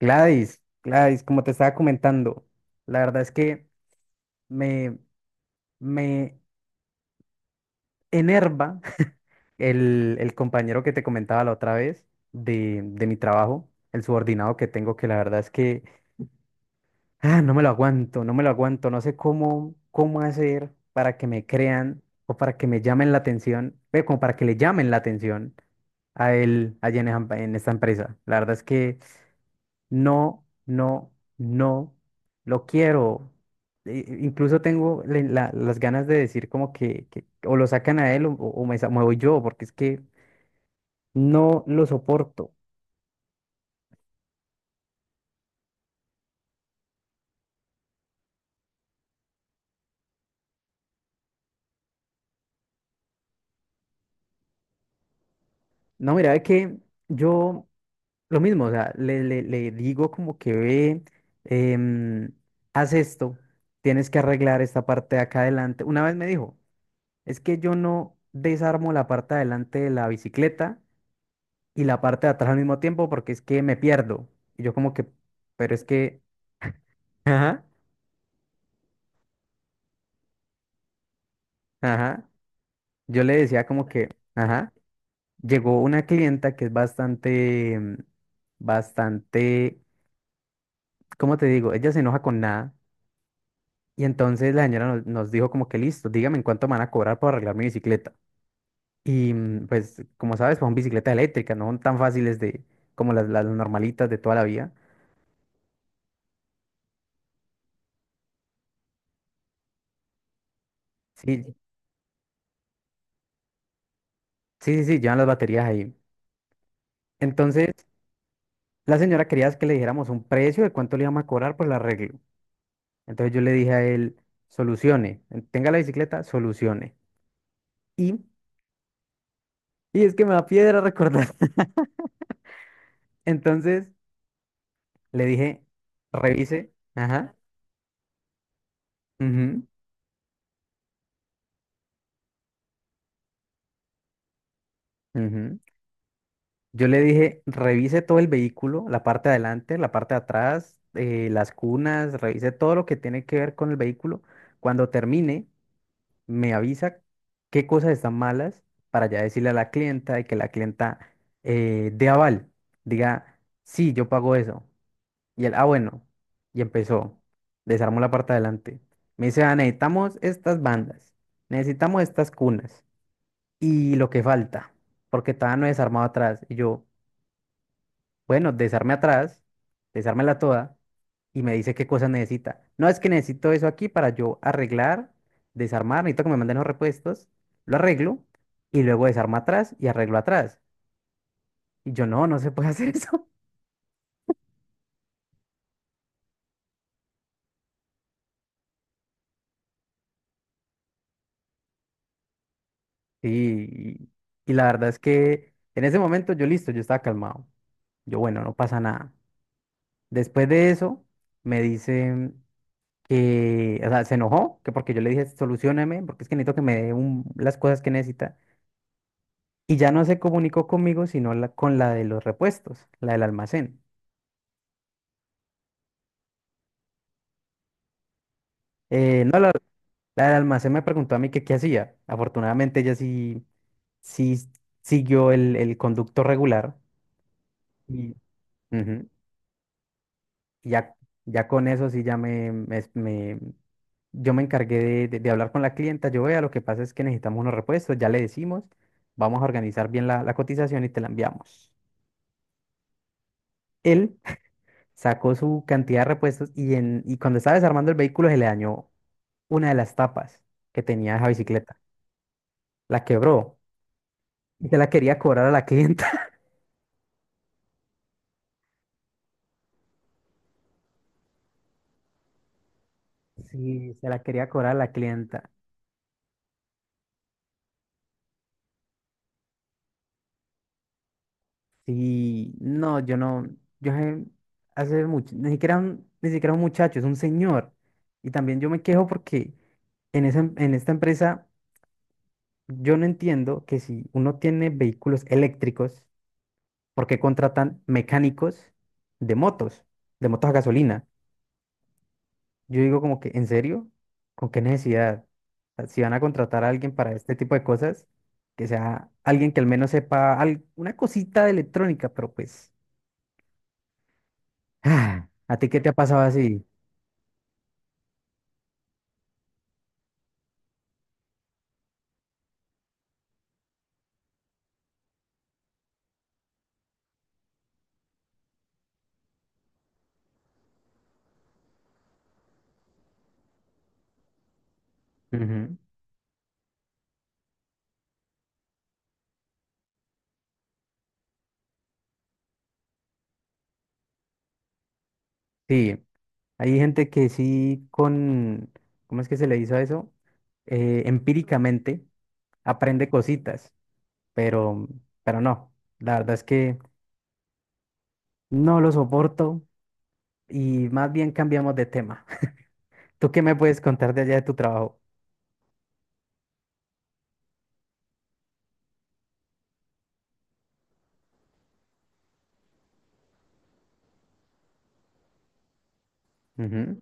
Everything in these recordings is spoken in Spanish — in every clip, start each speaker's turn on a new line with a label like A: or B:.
A: Gladys, Gladys, como te estaba comentando, la verdad es que me, me enerva el compañero que te comentaba la otra vez de mi trabajo, el subordinado que tengo, que la verdad es que no me lo aguanto, no me lo aguanto, no sé cómo, cómo hacer para que me crean o para que me llamen la atención, como para que le llamen la atención a él allá en esta empresa. La verdad es que no, no, no, lo quiero. Incluso tengo las ganas de decir como que o lo sacan a él o, me voy yo, porque es que no lo soporto. No, mira, es que yo lo mismo, o sea, le digo como que ve, em, haz esto, tienes que arreglar esta parte de acá adelante. Una vez me dijo, es que yo no desarmo la parte de adelante de la bicicleta y la parte de atrás al mismo tiempo porque es que me pierdo. Y yo como que, pero es que, ajá, ajá. Yo le decía como que, ajá. Llegó una clienta que es bastante, bastante, ¿cómo te digo? Ella se enoja con nada. Y entonces la señora nos dijo como que listo, dígame en cuánto me van a cobrar por arreglar mi bicicleta. Y pues, como sabes, pues, son bicicletas eléctricas, no son tan fáciles de, como las normalitas de toda la vida. Sí, sí, sí, sí, llevan las baterías ahí. Entonces, la señora quería que le dijéramos un precio de cuánto le íbamos a cobrar por el arreglo. Entonces yo le dije a él, solucione, tenga la bicicleta, solucione. Y, y es que me da piedra recordar. Entonces le dije, revise, ajá, ujú, ujú. Yo le dije, revise todo el vehículo, la parte de adelante, la parte de atrás, las cunas, revise todo lo que tiene que ver con el vehículo. Cuando termine, me avisa qué cosas están malas para ya decirle a la clienta y que la clienta dé aval, diga, sí, yo pago eso. Y él, ah, bueno, y empezó, desarmó la parte de adelante. Me dice, ah, necesitamos estas bandas, necesitamos estas cunas y lo que falta, porque todavía no he desarmado atrás. Y yo, bueno, desarme atrás, desármela toda y me dice qué cosas necesita. No, es que necesito eso aquí para yo arreglar, desarmar, necesito que me manden los repuestos, lo arreglo y luego desarma atrás y arreglo atrás. Y yo no, no se puede hacer eso. Sí, y la verdad es que en ese momento yo listo, yo estaba calmado. Yo, bueno, no pasa nada. Después de eso, me dice que, o sea, se enojó, que porque yo le dije, solucioneme, porque es que necesito que me las cosas que necesita. Y ya no se comunicó conmigo, sino con la de los repuestos, la del almacén. No, la del almacén me preguntó a mí que qué hacía. Afortunadamente ella sí, sí siguió el conducto regular y ujú, y ya, ya con eso sí ya yo me encargué de hablar con la clienta. Yo vea, lo que pasa es que necesitamos unos repuestos, ya le decimos, vamos a organizar bien la cotización y te la enviamos. Él sacó su cantidad de repuestos y cuando estaba desarmando el vehículo se le dañó una de las tapas que tenía esa bicicleta. La quebró. Y se la quería cobrar a la clienta. Sí, se la quería cobrar a la clienta. Sí, no, yo sé- hace mucho, ni siquiera un, ni siquiera un muchacho, es un señor. Y también yo me quejo porque en en esta empresa yo no entiendo que si uno tiene vehículos eléctricos, ¿por qué contratan mecánicos de motos, de motos a gasolina? Yo digo como que, ¿en serio? ¿Con qué necesidad? O sea, si van a contratar a alguien para este tipo de cosas, que sea alguien que al menos sepa una cosita de electrónica, pero pues, ah, ¿a ti qué te ha pasado así? Ujú. Sí, hay gente que sí con, ¿cómo es que se le hizo a eso? Empíricamente aprende cositas, pero, pero no, la verdad es que no lo soporto y más bien cambiamos de tema. ¿Tú qué me puedes contar de allá de tu trabajo? Ujú.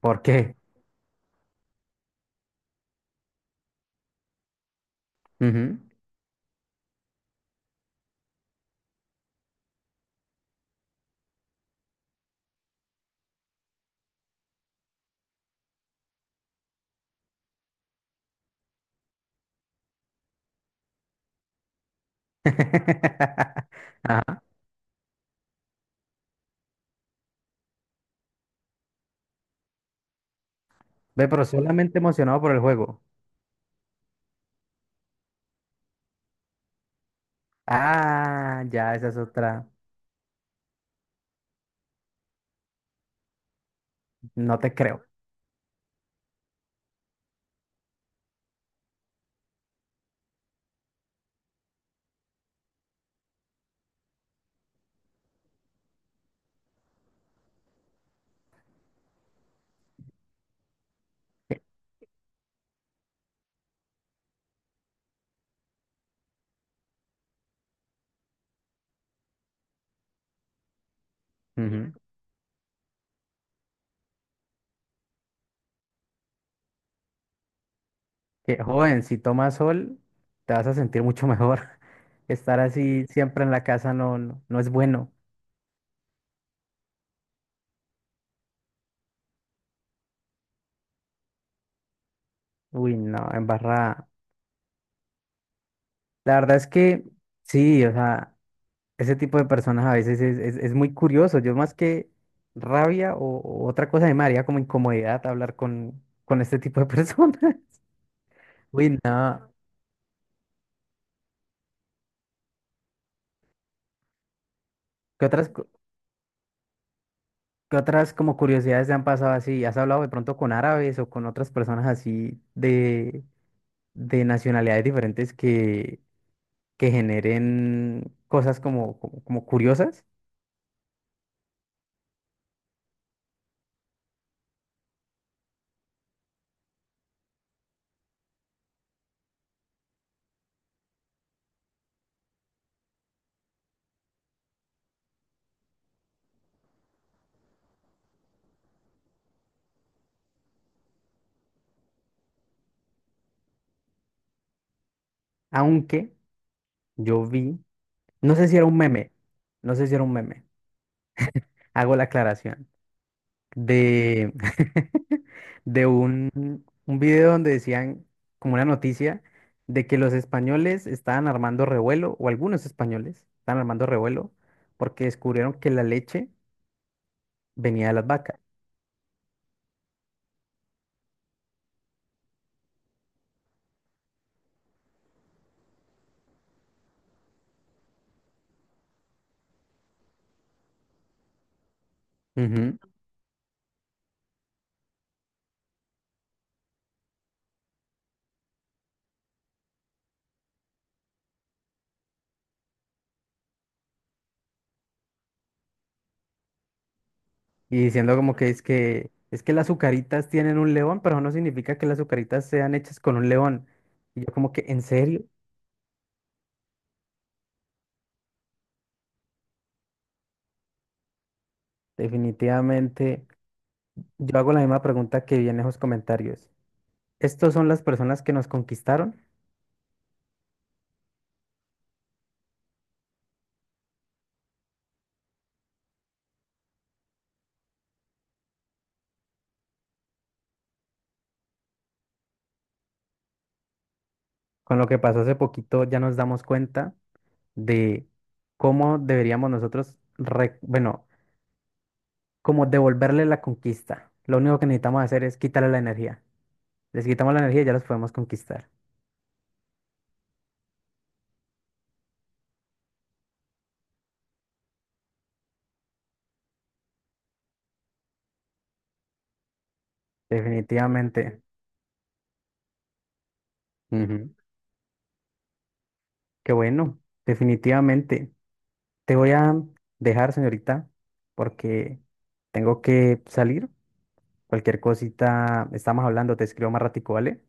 A: ¿Por qué? Ujú. Ajá. Ve, pero solamente emocionado por el juego. Ah, ya, esa es otra. No te creo. Ujú. Que, joven, si tomas sol, te vas a sentir mucho mejor. Estar así siempre en la casa no, no, no es bueno. Uy, no, embarrada. La verdad es que sí, o sea, ese tipo de personas a veces es muy curioso. Yo más que rabia o otra cosa, a mí me haría como incomodidad hablar con este tipo de personas. Uy, no. ¿Qué otras, cu- ¿qué otras como curiosidades te han pasado así? ¿Has hablado de pronto con árabes o con otras personas así de nacionalidades diferentes que generen cosas como, como, como curiosas? Aunque yo vi, no sé si era un meme, no sé si era un meme, hago la aclaración. De, de un video donde decían, como una noticia, de que los españoles estaban armando revuelo, o algunos españoles estaban armando revuelo, porque descubrieron que la leche venía de las vacas. Ujú. Y diciendo como que es que las azucaritas tienen un león, pero no significa que las azucaritas sean hechas con un león. Y yo como que, ¿en serio? Definitivamente, yo hago la misma pregunta que vi en esos comentarios. ¿Estos son las personas que nos conquistaron? Con lo que pasó hace poquito ya nos damos cuenta de cómo deberíamos nosotros, bueno, como devolverle la conquista. Lo único que necesitamos hacer es quitarle la energía. Les quitamos la energía y ya los podemos conquistar. Definitivamente. Ujú. Qué bueno, definitivamente. Te voy a dejar, señorita, porque tengo que salir. Cualquier cosita, estamos hablando, te escribo más ratico, ¿vale?